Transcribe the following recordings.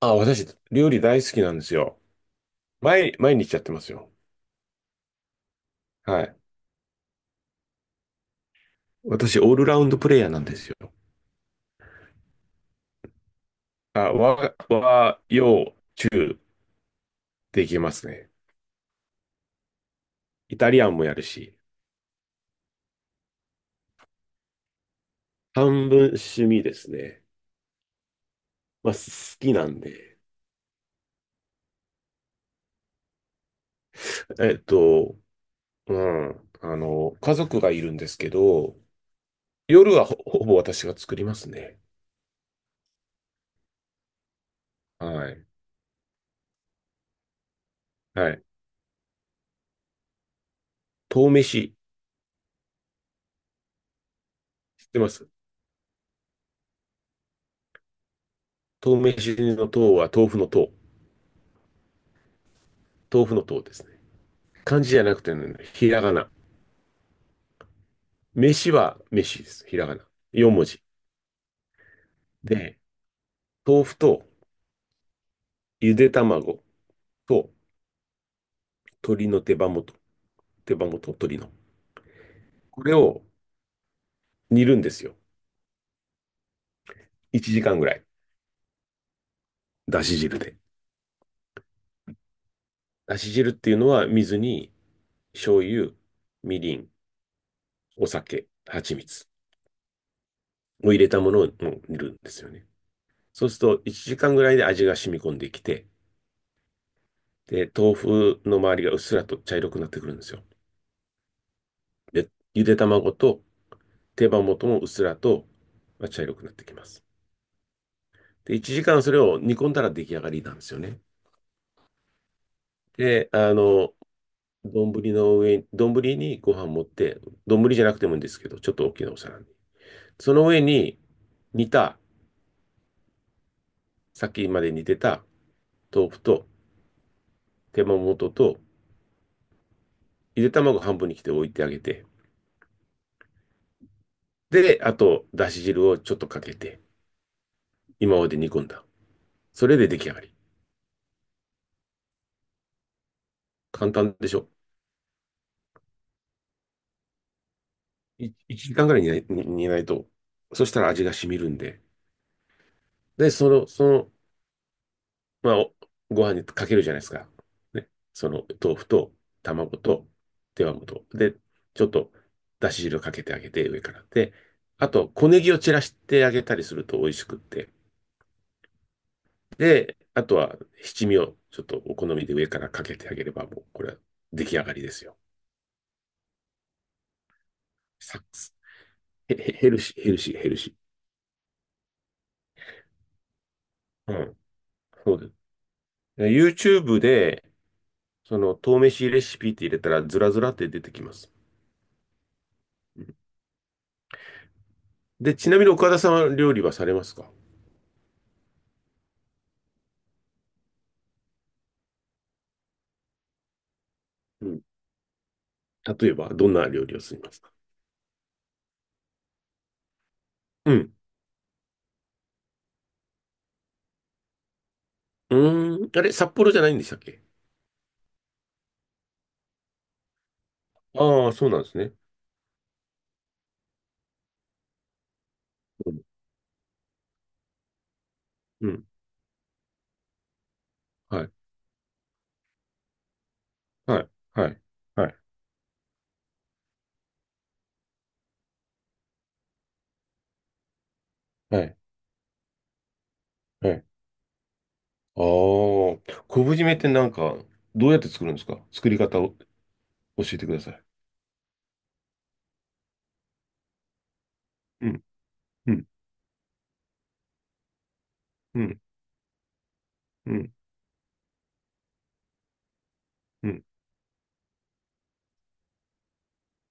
あ、私、料理大好きなんですよ。毎日やってますよ。はい。私、オールラウンドプレイヤーなんですよ。あ、和、洋、中、できますね。イタリアンもやるし、半分趣味ですね。まあ、好きなんで。えっと、うん。あの、家族がいるんですけど、夜はほぼ私が作りますね。はい。はい。豆飯、知ってます？豆飯の豆は豆腐の豆。豆腐の豆ですね。漢字じゃなくてね、ひらがな。飯は飯です。ひらがな。4文字。で、豆腐とゆで卵と鶏の手羽元。手羽元と鶏の。これを煮るんですよ。1時間ぐらい。だし汁で。だし汁っていうのは水に醤油、みりん、お酒、蜂蜜を入れたものを煮るんですよね。そうすると1時間ぐらいで味が染み込んできて、で、豆腐の周りがうっすらと茶色くなってくるんですよ。で、ゆで卵と手羽元もうっすらと茶色くなってきます。で、1時間それを煮込んだら出来上がりなんですよね。で、あの、丼の上に、丼にご飯持って、丼じゃなくてもいいんですけど、ちょっと大きなお皿に。その上に煮た、さっきまで煮てた豆腐と手羽元と、ゆで卵半分に切って置いてあげて、で、あと、だし汁をちょっとかけて、今まで煮込んだ。それで出来上がり。簡単でしょ。1時間ぐらい煮ないと。そしたら味が染みるんで。で、そのまあ、ご飯にかけるじゃないですか。ね。その豆腐と卵と手羽元。で、ちょっとだし汁かけてあげて、上から。で、あと、小ネギを散らしてあげたりすると美味しくって。で、あとは七味をちょっとお好みで上からかけてあげれば、もうこれは出来上がりですよ。サックス。ヘルシー、ヘルシー、ヘルシー。うん。そうです。で YouTube で、その、豆飯レシピって入れたら、ずらずらって出てきます。うん。で、ちなみに岡田さんは料理はされますか？うん。例えば、どんな料理をすみますか？うん。うーん。あれ、札幌じゃないんでしたっけ？ああー、そうなんですね。うん。うん。はい。はい。はい。はい。はい。はい。ああ、昆布締めってなんか、どうやって作るんですか？作り方を教えてください。うん。うん。うん。うん。うん。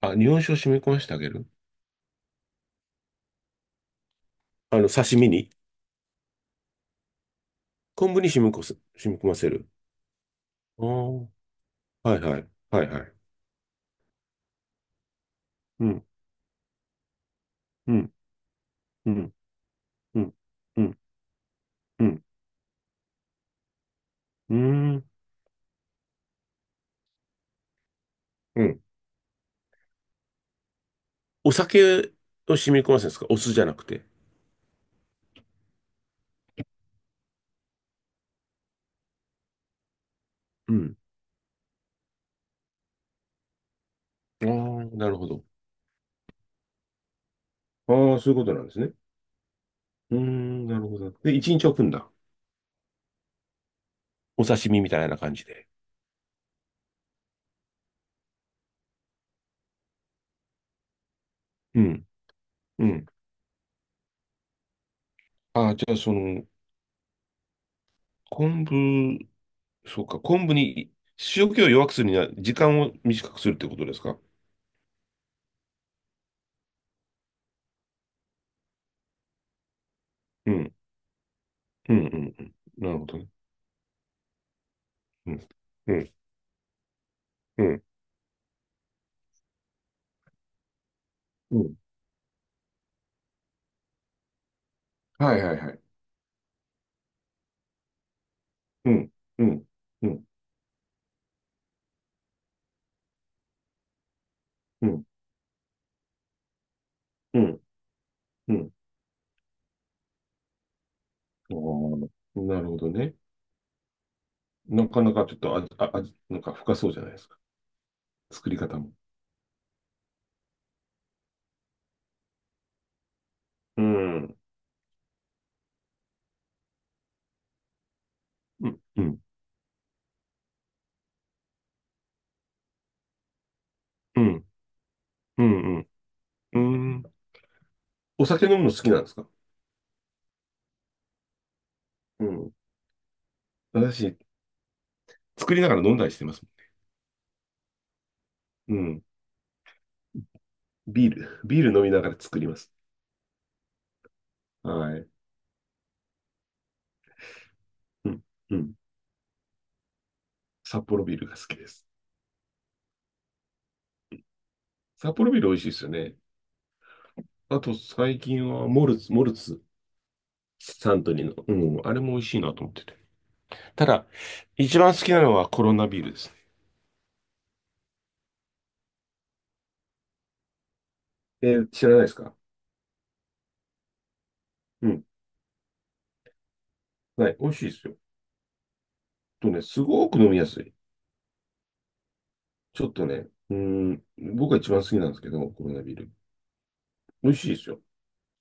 あ、日本酒を染み込ませてあげる？あの、刺身に昆布に染み込ませる。ああ、はいはい。はいはい。うん。うん。うん。うん。うんうん。うん。うん。お酒を染み込ませるんですか？お酢じゃなくて。うん。ああ、なるほど。ああ、そういうことなんですね。うーん、なるほど。で、一日置くんだ。お刺身みたいな感じで。うん。うん。ああ、じゃあ、その、昆布、そうか、昆布に塩気を弱くするには時間を短くするってことですか？うん。うん、うん、うん。なるほどね。うん。うん、うん、うん。はいはいはい。うん、うん、うん、うん、うん、うん。ああ、なるほどね。なかなかちょっと味、なんか深そうじゃないですか。作り方も。うん。うん、うん、うん、うん、うん。うん。お酒飲むの好きなんですか？うん。私、作りながら飲んだりしてます。うん。ビール、ビール飲みながら作ります。はい。うん、うん。札幌ビールが好きです。札幌ビール美味しいですよね。あと、最近はモルツ、モルツ、サントリーの。うん、あれも美味しいなと思ってて。ただ、一番好きなのはコロナビールですね。えー、知らないですか？うん。はい。美味しいですよ。とね、すごく飲みやすい。ちょっとね、うーん、僕が一番好きなんですけど、コロナビール。美味しいですよ。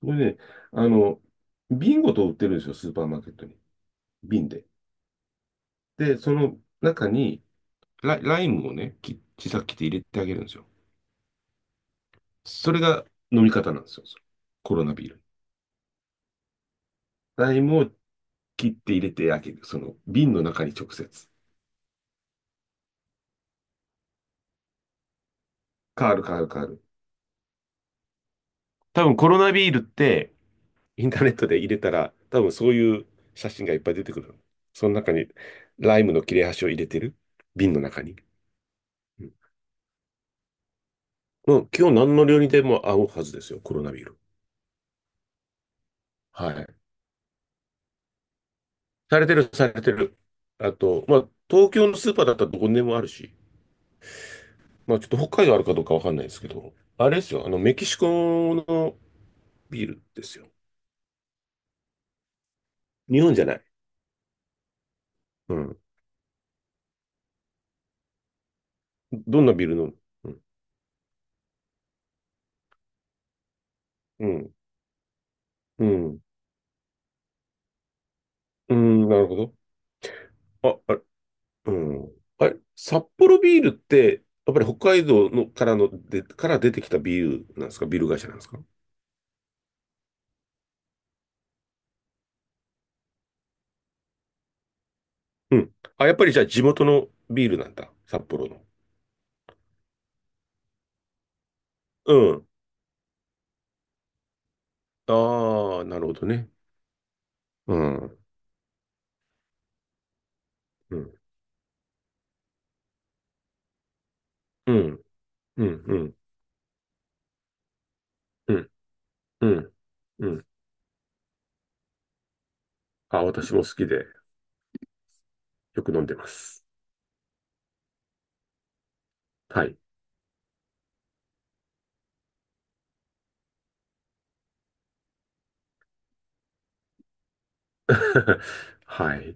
これね、あの、瓶ごと売ってるんですよ、スーパーマーケットに。瓶で。で、その中にライムをね、小さく切って入れてあげるんですよ。それが飲み方なんですよ、それコロナビール。ライムを切って入れてあげる。その瓶の中に直接。変わる変わる変わる。多分コロナビールって、インターネットで入れたら、多分そういう写真がいっぱい出てくる。その中に、ライムの切れ端を入れてる瓶の中に。うん。もう今日何の料理でも合うはずですよ、コロナビール。はい。されてる、されてる。あと、まあ、東京のスーパーだったらどこにでもあるし、まあ、ちょっと北海道あるかどうかわかんないですけど、あれですよ、あの、メキシコのビールですよ。日本じゃない。うん。どんなビールの？うん。うん。うん、うん、なるほど。あ、あ。うん。あれ、札幌ビールって、やっぱり北海道のからので、から出てきたビールなんですか？ビール会社なんですか？うん。あ、やっぱりじゃあ地元のビールなんだ。札幌の。うん。ああ、なるほどね。うん。うん。うん。うん。うん。うん。うん。うん。あ、私も好きでよく飲んでます。はい。はい。